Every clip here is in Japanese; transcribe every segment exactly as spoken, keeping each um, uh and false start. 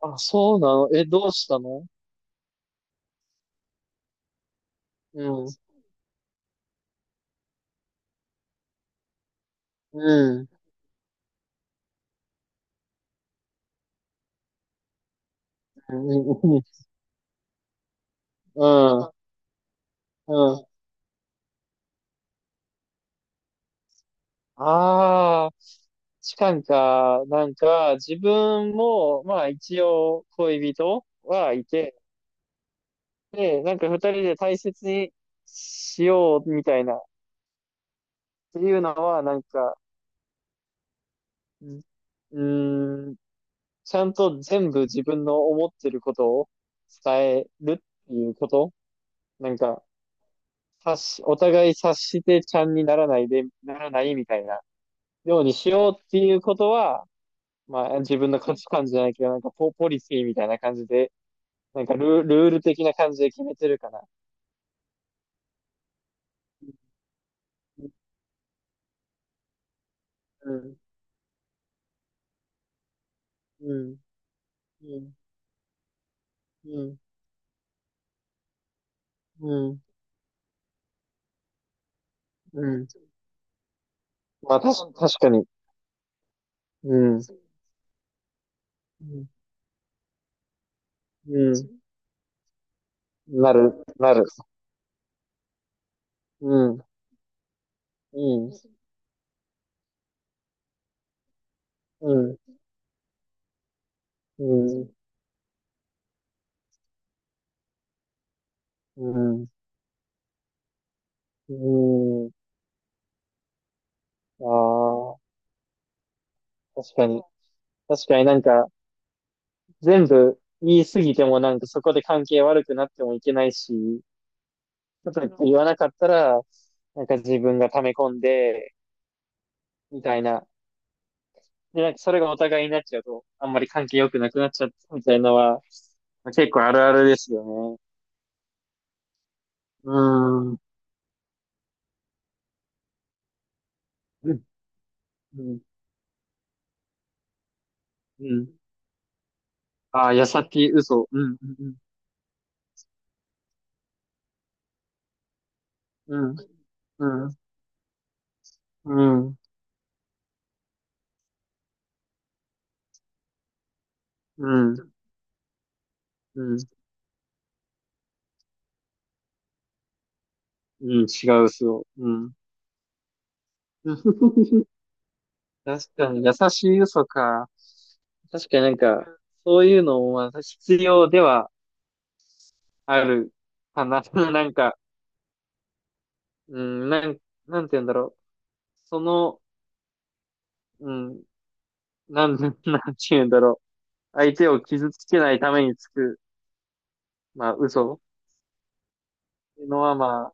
あ、そうなの。え、どうしたの？うん、うん、うん、うん、うん。ああ、痴漢か、なんか、自分も、まあ一応恋人はいて、で、なんか二人で大切にしようみたいな、っていうのは、なんか、うん、うーんちゃんと全部自分の思ってることを伝えるっていうこと、なんか、察し、お互い察してちゃんにならないで、ならないみたいな、ようにしようっていうことは、まあ自分の価値観じゃないけど、なんかポ、ポリシーみたいな感じで、なんかルー、ルール的な感じで決めてるかな。うん、うん、うん、うん、うん、うん。まあ確か、確かに。うん、うん、うん。なる、なる。うん、うん、うん、うん、うん、うん。ああ、確かに。確かになんか、全部言い過ぎてもなんかそこで関係悪くなってもいけないし、ちょっとか言わなかったら、なんか自分が溜め込んで、みたいな。で、なんかそれがお互いになっちゃうと、あんまり関係良くなくなっちゃったみたいなのは、結構あるあるですよね。うーん。うん。うん。うん。ああ、矢先嘘。うん。うん。うん。うん。うん。うん。うん。うん。違う嘘。うん。確かに、優しい嘘か。確かになんか、そういうのもまあ必要ではあるかな。なんか、うん、なん、なんて言うんだろう。その、うん、なん、なんて言うんだろう。相手を傷つけないためにつく、まあ、嘘っていうのは、まあ、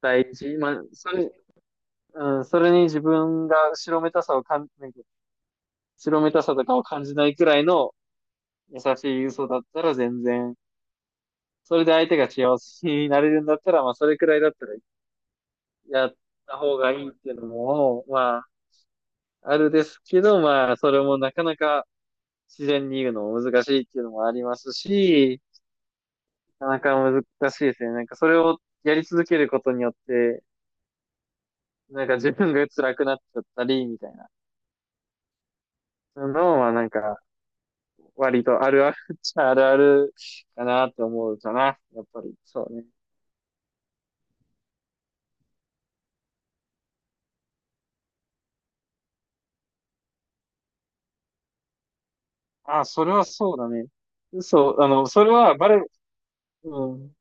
大事。まあ、それ、うん、それに自分が後ろめたさをかん、なんか、後ろめたさとかを感じないくらいの優しい嘘だったら全然、それで相手が幸せになれるんだったら、まあ、それくらいだったらやった方がいいっていうのも、まあ、あるですけど、まあ、それもなかなか、自然に言うのも難しいっていうのもありますし、なかなか難しいですね。なんかそれをやり続けることによって、なんか自分が辛くなっちゃったり、みたいなのはなんか割とあるあるっちゃあるあるかなって思うかな。やっぱり。そうね。あ、それはそうだね。そう、あの、それはバレ、うん。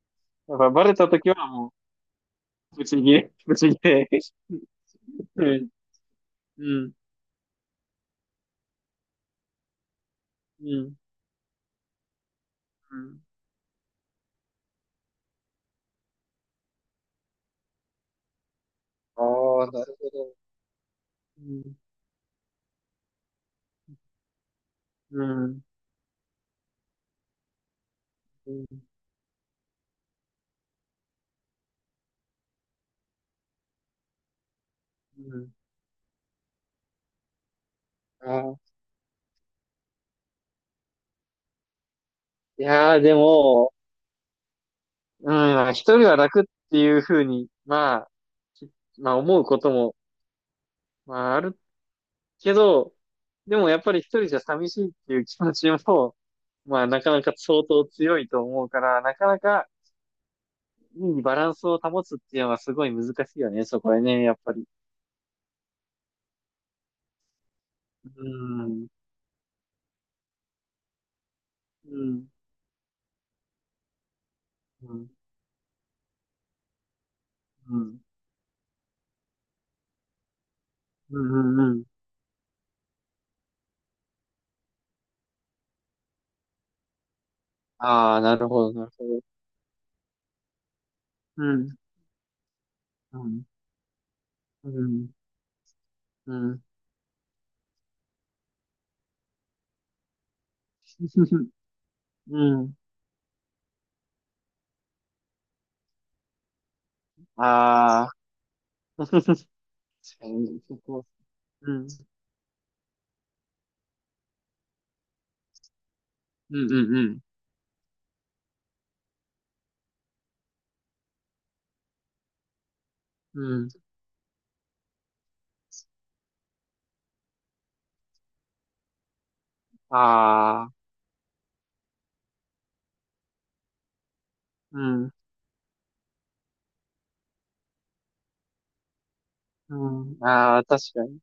やっぱバレたときはもう、ぶち切れ、ぶち切れ。うん、うん、うん。うん。ああ、なるほど。うん、うん。うん。うん。あー、いやー、でも、うん、まあ一人は楽っていうふうに、まあ、きまあ思うことも、まああるけど、でもやっぱり一人じゃ寂しいっていう気持ちも、まあなかなか相当強いと思うから、なかなかいいバランスを保つっていうのはすごい難しいよね、そこはね、やっぱり。うん、うん、うん、うん、うん、うん。うん。ああ、なるほど、なるほど。うん、うん、うん、うん、うん。ああ。確かに、そこ、うん、うん、うん、うん。うん。ああ、うん、うん。ああ、確かに。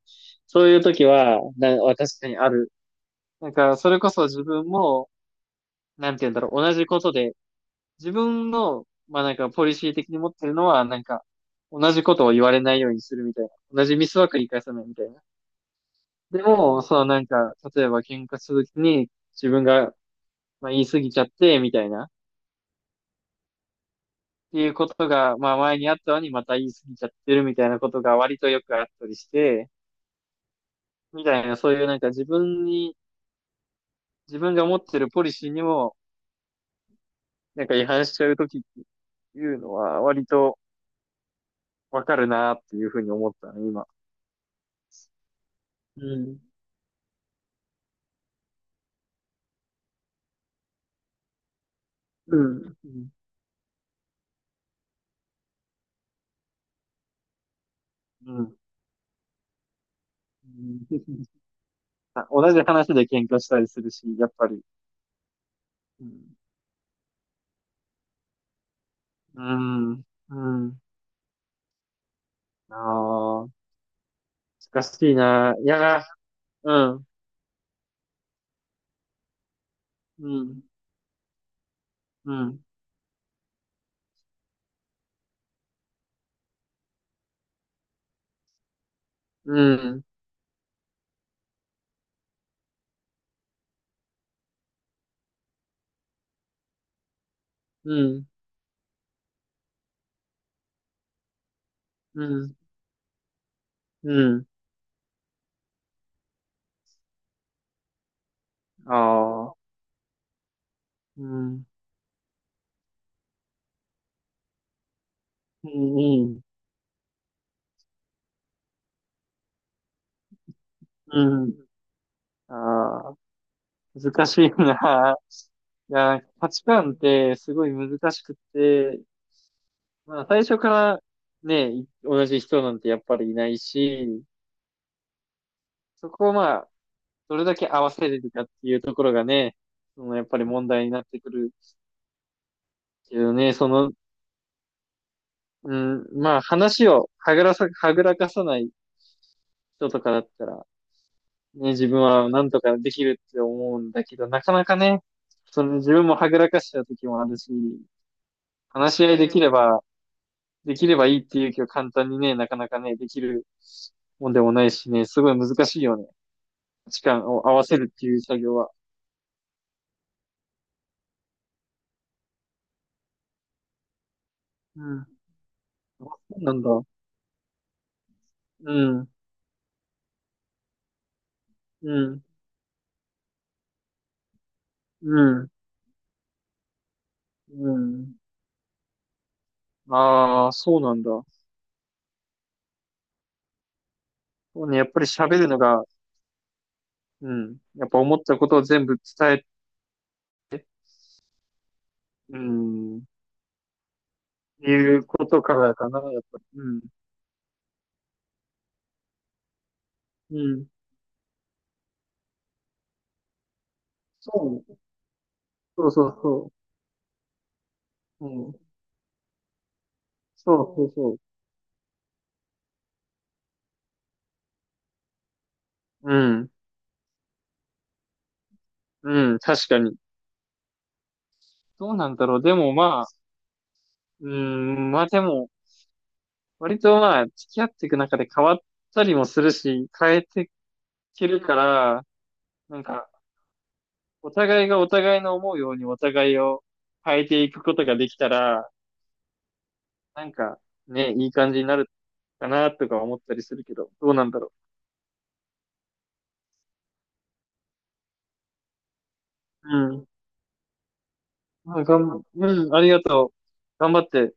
そういう時は、な、確かにある。なんか、それこそ自分も、なんて言うんだろう、同じことで、自分の、まあなんか、ポリシー的に持ってるのは、なんか、同じことを言われないようにするみたいな。同じミスは繰り返さないみたいな。でも、そのなんか、例えば喧嘩するときに、自分が、まあ言い過ぎちゃって、みたいな。っていうことが、まあ前にあったのにまた言い過ぎちゃってるみたいなことが割とよくあったりして、みたいなそういうなんか自分に、自分が持ってるポリシーにもなんか違反しちゃうときっていうのは割とわかるなっていうふうに思ったね、今。うん。うん。うん。うん。うん。あ、 同じ話で喧嘩したりするし、やっぱり。うん。うん。うん。ああ、難しいな。いやー、うん。うん。うん。うん。うん。うん。うん。ああ。うん。うん。うん。ああ。難しいな。いや、価値観ってすごい難しくって、まあ最初からね、い同じ人なんてやっぱりいないし、そこをまあ、どれだけ合わせれるかっていうところがね、そのやっぱり問題になってくるけどね、その、うん、まあ話をはぐらさ、はぐらかさない人とかだったら、ね、自分はなんとかできるって思うんだけど、なかなかね、その自分もはぐらかした時もあるし、話し合いできれば、できればいいっていう気を簡単にね、なかなかね、できるもんでもないしね、すごい難しいよね。時間を合わせるっていう作業は。うん。あ、そうなんだ。うん。うん。うん。うん。ああ、そうなんだ。そうね、やっぱり喋るのが、うん。やっぱ思ったことを全部伝え、うん。いうことからかな、やっぱり。うん。うん。そう。そうそうそう。うん。そうそうそう。うん。うん。確かに。どうなんだろう。でもまあ、うん。まあでも、割とまあ、付き合っていく中で変わったりもするし、変えていけるから、なんか、お互いがお互いの思うようにお互いを変えていくことができたら、なんか、ね、いい感じになるかなとか思ったりするけど、どうなんだろう。うん。まあ、がん、うん。ありがとう。頑張って。